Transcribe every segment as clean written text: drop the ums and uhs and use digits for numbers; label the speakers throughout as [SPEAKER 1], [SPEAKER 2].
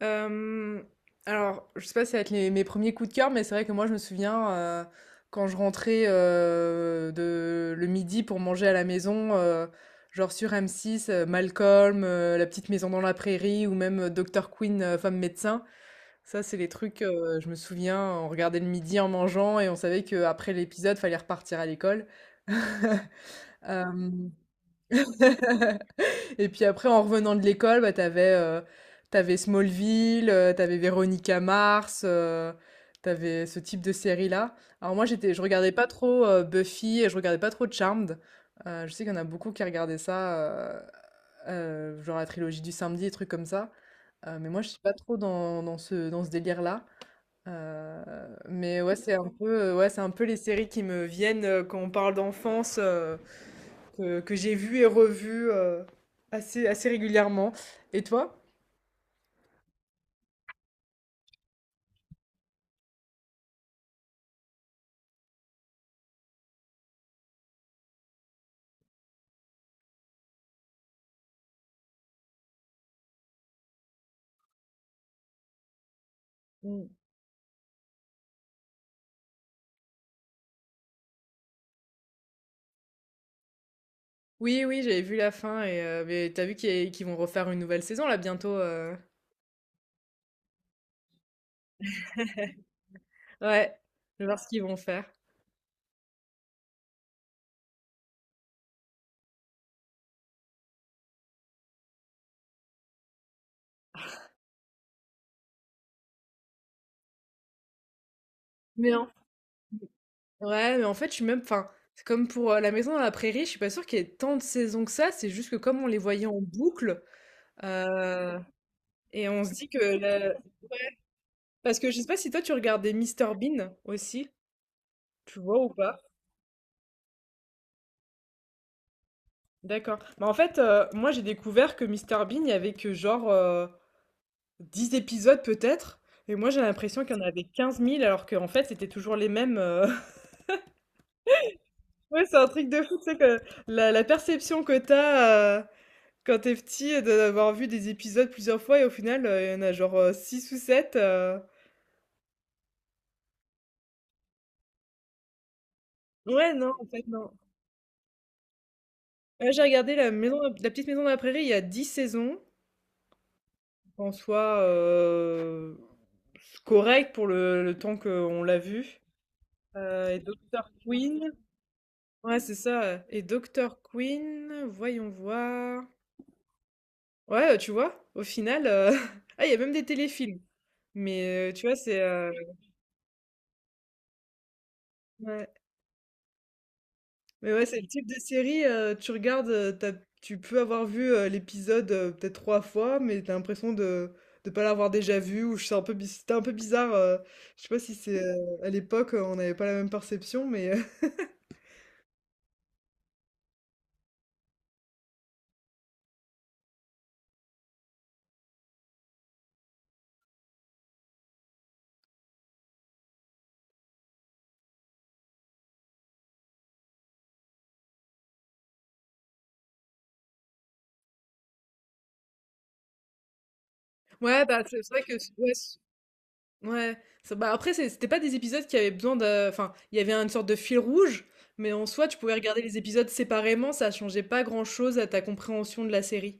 [SPEAKER 1] Hem, alors, je sais pas si ça va être les mes premiers coups de cœur, mais c'est vrai que moi, je me souviens, quand je rentrais, de le midi pour manger à la maison, genre sur M6, Malcolm, La petite maison dans la prairie ou même, Docteur Quinn, femme médecin. Ça, c'est les trucs, je me souviens, on regardait le midi en mangeant et on savait qu'après l'épisode, fallait repartir à l'école. Hem Et puis après, en revenant de l'école, bah, t'avais Smallville, t'avais Véronica Mars, t'avais ce type de série-là. Alors moi, je regardais pas trop Buffy et je regardais pas trop Charmed. Je sais qu'il y en a beaucoup qui regardaient ça, genre la trilogie du samedi, des trucs comme ça. Mais moi, je suis pas trop dans ce délire-là. Mais ouais, c'est un peu, ouais, c'est un peu les séries qui me viennent, quand on parle d'enfance, que j'ai vu et revu, assez régulièrement. Et toi? Mm. Oui, oui, j'avais vu la fin mais t'as vu qu'ils vont refaire une nouvelle saison là bientôt. Ouais, je vais voir ce qu'ils vont faire. Mais en... ouais, mais en fait, enfin, c'est comme pour, La Maison dans la Prairie, je suis pas sûre qu'il y ait tant de saisons que ça. C'est juste que comme on les voyait en boucle, euh, et on se dit ouais, parce que je sais pas si toi tu regardais Mister Bean aussi, tu vois ou pas? D'accord. Bah, en fait, moi j'ai découvert que Mister Bean, il y avait que genre, 10 épisodes peut-être. Et moi j'ai l'impression qu'il y en avait 15 000, alors qu'en fait c'était toujours les mêmes. Ouais, c'est un truc de fou, tu sais, que la perception que t'as, quand t'es petit, d'avoir vu des épisodes plusieurs fois et au final, il y en a genre, six ou 7. Ouais, non, en fait, non. Là, j'ai regardé la petite maison de la prairie, il y a 10 saisons. En soi, correct pour le temps qu'on l'a vu. Et Dr. Queen. Ouais, c'est ça. Et Dr. Queen, voyons voir. Ouais, tu vois, au final, ah, il y a même des téléfilms. Mais, tu vois, c'est, ouais. Mais ouais, c'est le type de série, tu regardes, tu peux avoir vu, l'épisode, peut-être trois fois, mais t'as l'impression de ne pas l'avoir déjà vu, ou je sais, un peu, c'était un peu bizarre. Je sais pas si c'est, à l'époque, on n'avait pas la même perception, mais... Ouais, bah, c'est vrai que ouais. Ouais, ça bah, après c'était pas des épisodes qui avaient besoin de, enfin, il y avait une sorte de fil rouge, mais en soi, tu pouvais regarder les épisodes séparément, ça changeait pas grand-chose à ta compréhension de la série.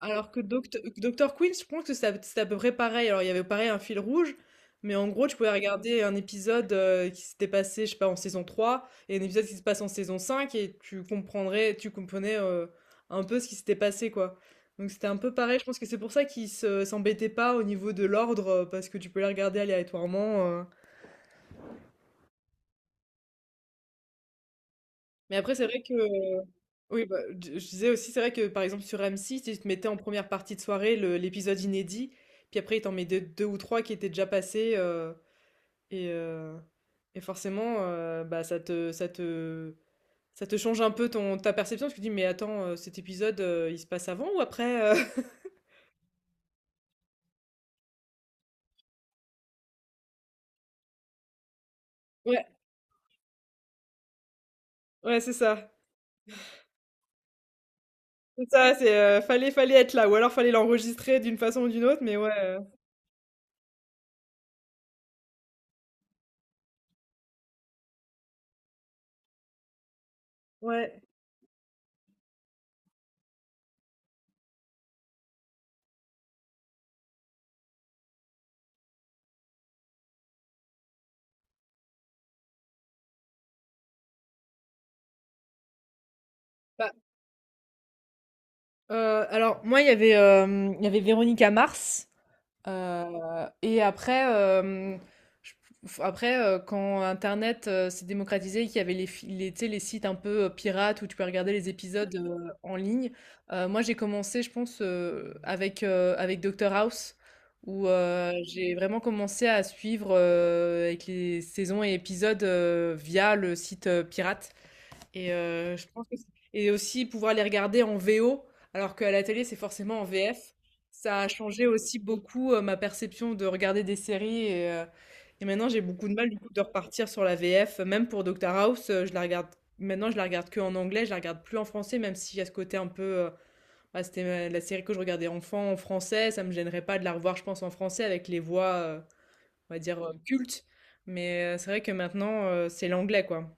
[SPEAKER 1] Alors que docteur Doctor Quinn, je pense que c'était à peu près pareil. Alors, il y avait pareil un fil rouge, mais en gros, tu pouvais regarder un épisode, qui s'était passé, je sais pas, en saison 3, et un épisode qui se passe en saison 5, et tu comprenais, un peu ce qui s'était passé, quoi. Donc, c'était un peu pareil. Je pense que c'est pour ça qu'ils s'embêtaient pas au niveau de l'ordre, parce que tu peux les regarder aléatoirement. Mais après, c'est vrai que oui, bah, je disais aussi, c'est vrai que par exemple sur M6, ils te mettaient en première partie de soirée l'épisode inédit, puis après ils t'en mettaient deux ou trois qui étaient déjà passés, et, euh, et forcément, bah, ça te change un peu ta perception, parce que tu te dis, mais attends, cet épisode, il se passe avant ou après? Ouais, ouais, c'est ça. C'est ça, c'est, fallait être là, ou alors fallait l'enregistrer d'une façon ou d'une autre, mais ouais. Ouais. Bah, alors moi, il y avait Véronica Mars. Et après, je- quand Internet, s'est démocratisé, et qu'il y avait tu sais, les sites un peu, pirates où tu peux regarder les épisodes, en ligne, moi j'ai commencé, je pense, avec Dr House, où, j'ai vraiment commencé à suivre, avec les saisons et épisodes, via le site, pirate. Et je pense que, et aussi pouvoir les regarder en VO, alors qu'à la télé, c'est forcément en VF. Ça a changé aussi beaucoup, ma perception de regarder des séries. Et maintenant, j'ai beaucoup de mal du coup de repartir sur la VF. Même pour Doctor House, je la regarde maintenant, je la regarde que en anglais, je la regarde plus en français, même s'il y a ce côté un peu. Bah, c'était la série que je regardais enfant en français, ça me gênerait pas de la revoir, je pense, en français avec les voix, on va dire, cultes. Mais, c'est vrai que maintenant, c'est l'anglais, quoi.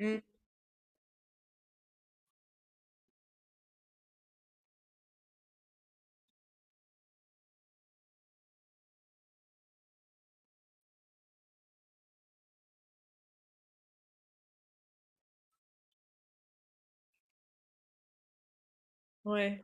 [SPEAKER 1] Mm. Ouais.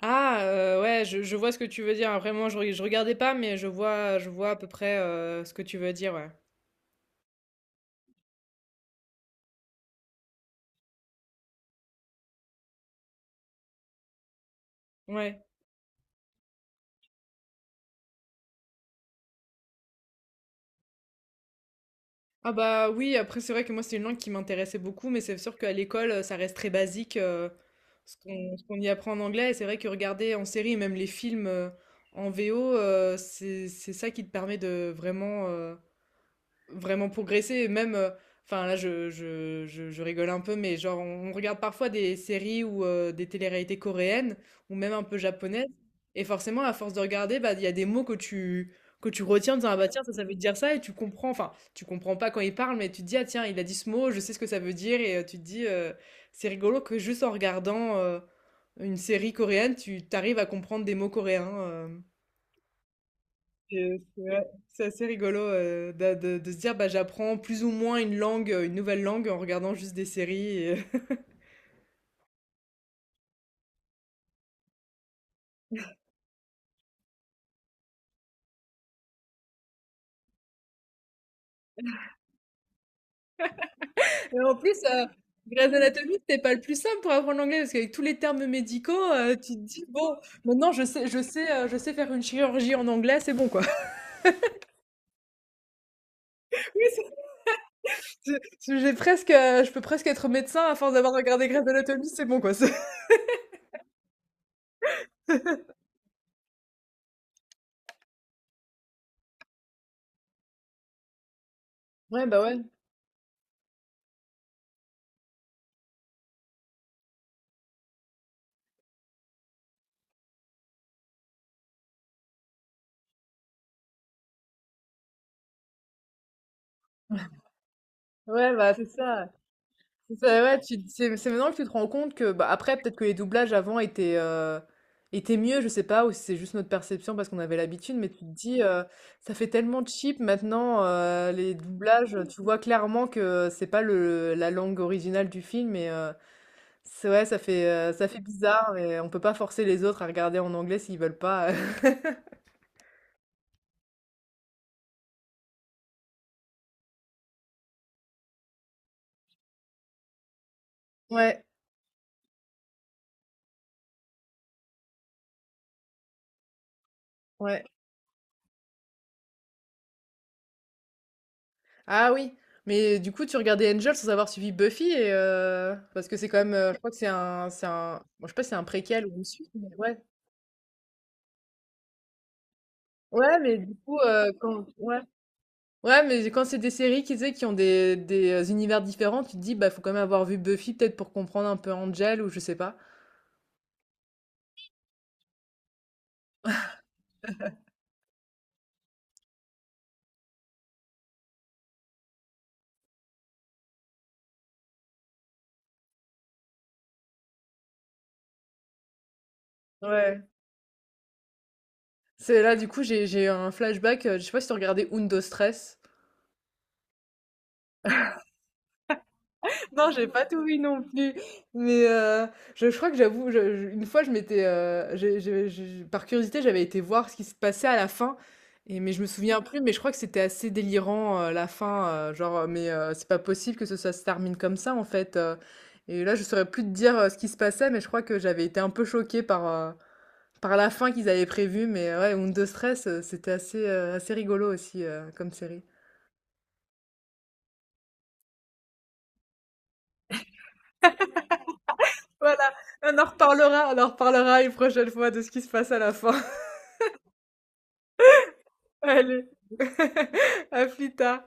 [SPEAKER 1] Ah, ouais, je vois ce que tu veux dire. Après moi, je regardais pas, mais je vois à peu près, ce que tu veux dire, ouais. Ouais. Ah bah, oui, après c'est vrai que moi, c'est une langue qui m'intéressait beaucoup, mais c'est sûr qu'à l'école, ça reste très basique, ce qu'on y apprend en anglais, et c'est vrai que regarder en série et même les films, en VO, c'est ça qui te permet de vraiment, vraiment progresser. Et même, enfin là, je rigole un peu, mais genre, on regarde parfois des séries ou, des téléréalités coréennes ou même un peu japonaises. Et forcément, à force de regarder, bah, il y a des mots que tu retiens en disant, ah bah tiens, ça veut dire ça, et tu comprends, enfin, tu comprends pas quand il parle, mais tu te dis, ah tiens, il a dit ce mot, je sais ce que ça veut dire, et, tu te dis, c'est rigolo que juste en regardant, une série coréenne, tu t'arrives à comprendre des mots coréens. Et c'est ouais, c'est assez rigolo, de se dire bah, j'apprends plus ou moins une langue, une nouvelle langue en regardant juste des séries. Et... Et en plus, Grey's Anatomy, c'était pas le plus simple pour apprendre l'anglais parce qu'avec tous les termes médicaux, tu te dis bon, maintenant je sais faire une chirurgie en anglais, c'est bon quoi. Oui, c'est- j'ai presque, je peux presque être médecin à force d'avoir regardé Grey's Anatomy, c'est bon quoi. Ouais, bah ouais. Ouais, bah c'est ça. C'est ça, ouais, tu c'est maintenant que tu te rends compte que, bah, après, peut-être que les doublages avant étaient mieux, je sais pas, ou si c'est juste notre perception parce qu'on avait l'habitude, mais tu te dis, «Ça fait tellement cheap maintenant», les doublages, tu vois clairement que c'est pas le la langue originale du film, et c'est ouais, ça fait bizarre et on peut pas forcer les autres à regarder en anglais s'ils veulent pas. Ouais, ouais. Ah oui, mais du coup, tu regardais Angel sans avoir suivi Buffy, et parce que c'est quand même, je crois que c'est un, bon, je sais pas, si c'est un préquel ou une suite, mais ouais, ouais, mais du coup, ouais, ouais, mais quand c'est des séries qui, tu sais, qui ont des univers différents, tu te dis, bah, faut quand même avoir vu Buffy peut-être pour comprendre un peu Angel ou je sais pas. Ouais. C'est là, du coup, j'ai eu un flashback. Je sais pas si tu regardais Undo Stress. Non, j'ai pas tout vu non plus, mais, je crois que j'avoue, je une fois, je m'étais, j'ai par curiosité, j'avais été voir ce qui se passait à la fin, et mais je me souviens plus, mais je crois que c'était assez délirant, la fin, c'est pas possible que ce ça se termine comme ça, en fait, et là, je saurais plus te dire, ce qui se passait, mais je crois que j'avais été un peu choquée par, par la fin qu'ils avaient prévue, mais ouais, Undo Stress, c'était assez rigolo aussi, comme série. Voilà, on en reparlera une prochaine fois de ce qui se passe à la fin. Allez, à plus tard.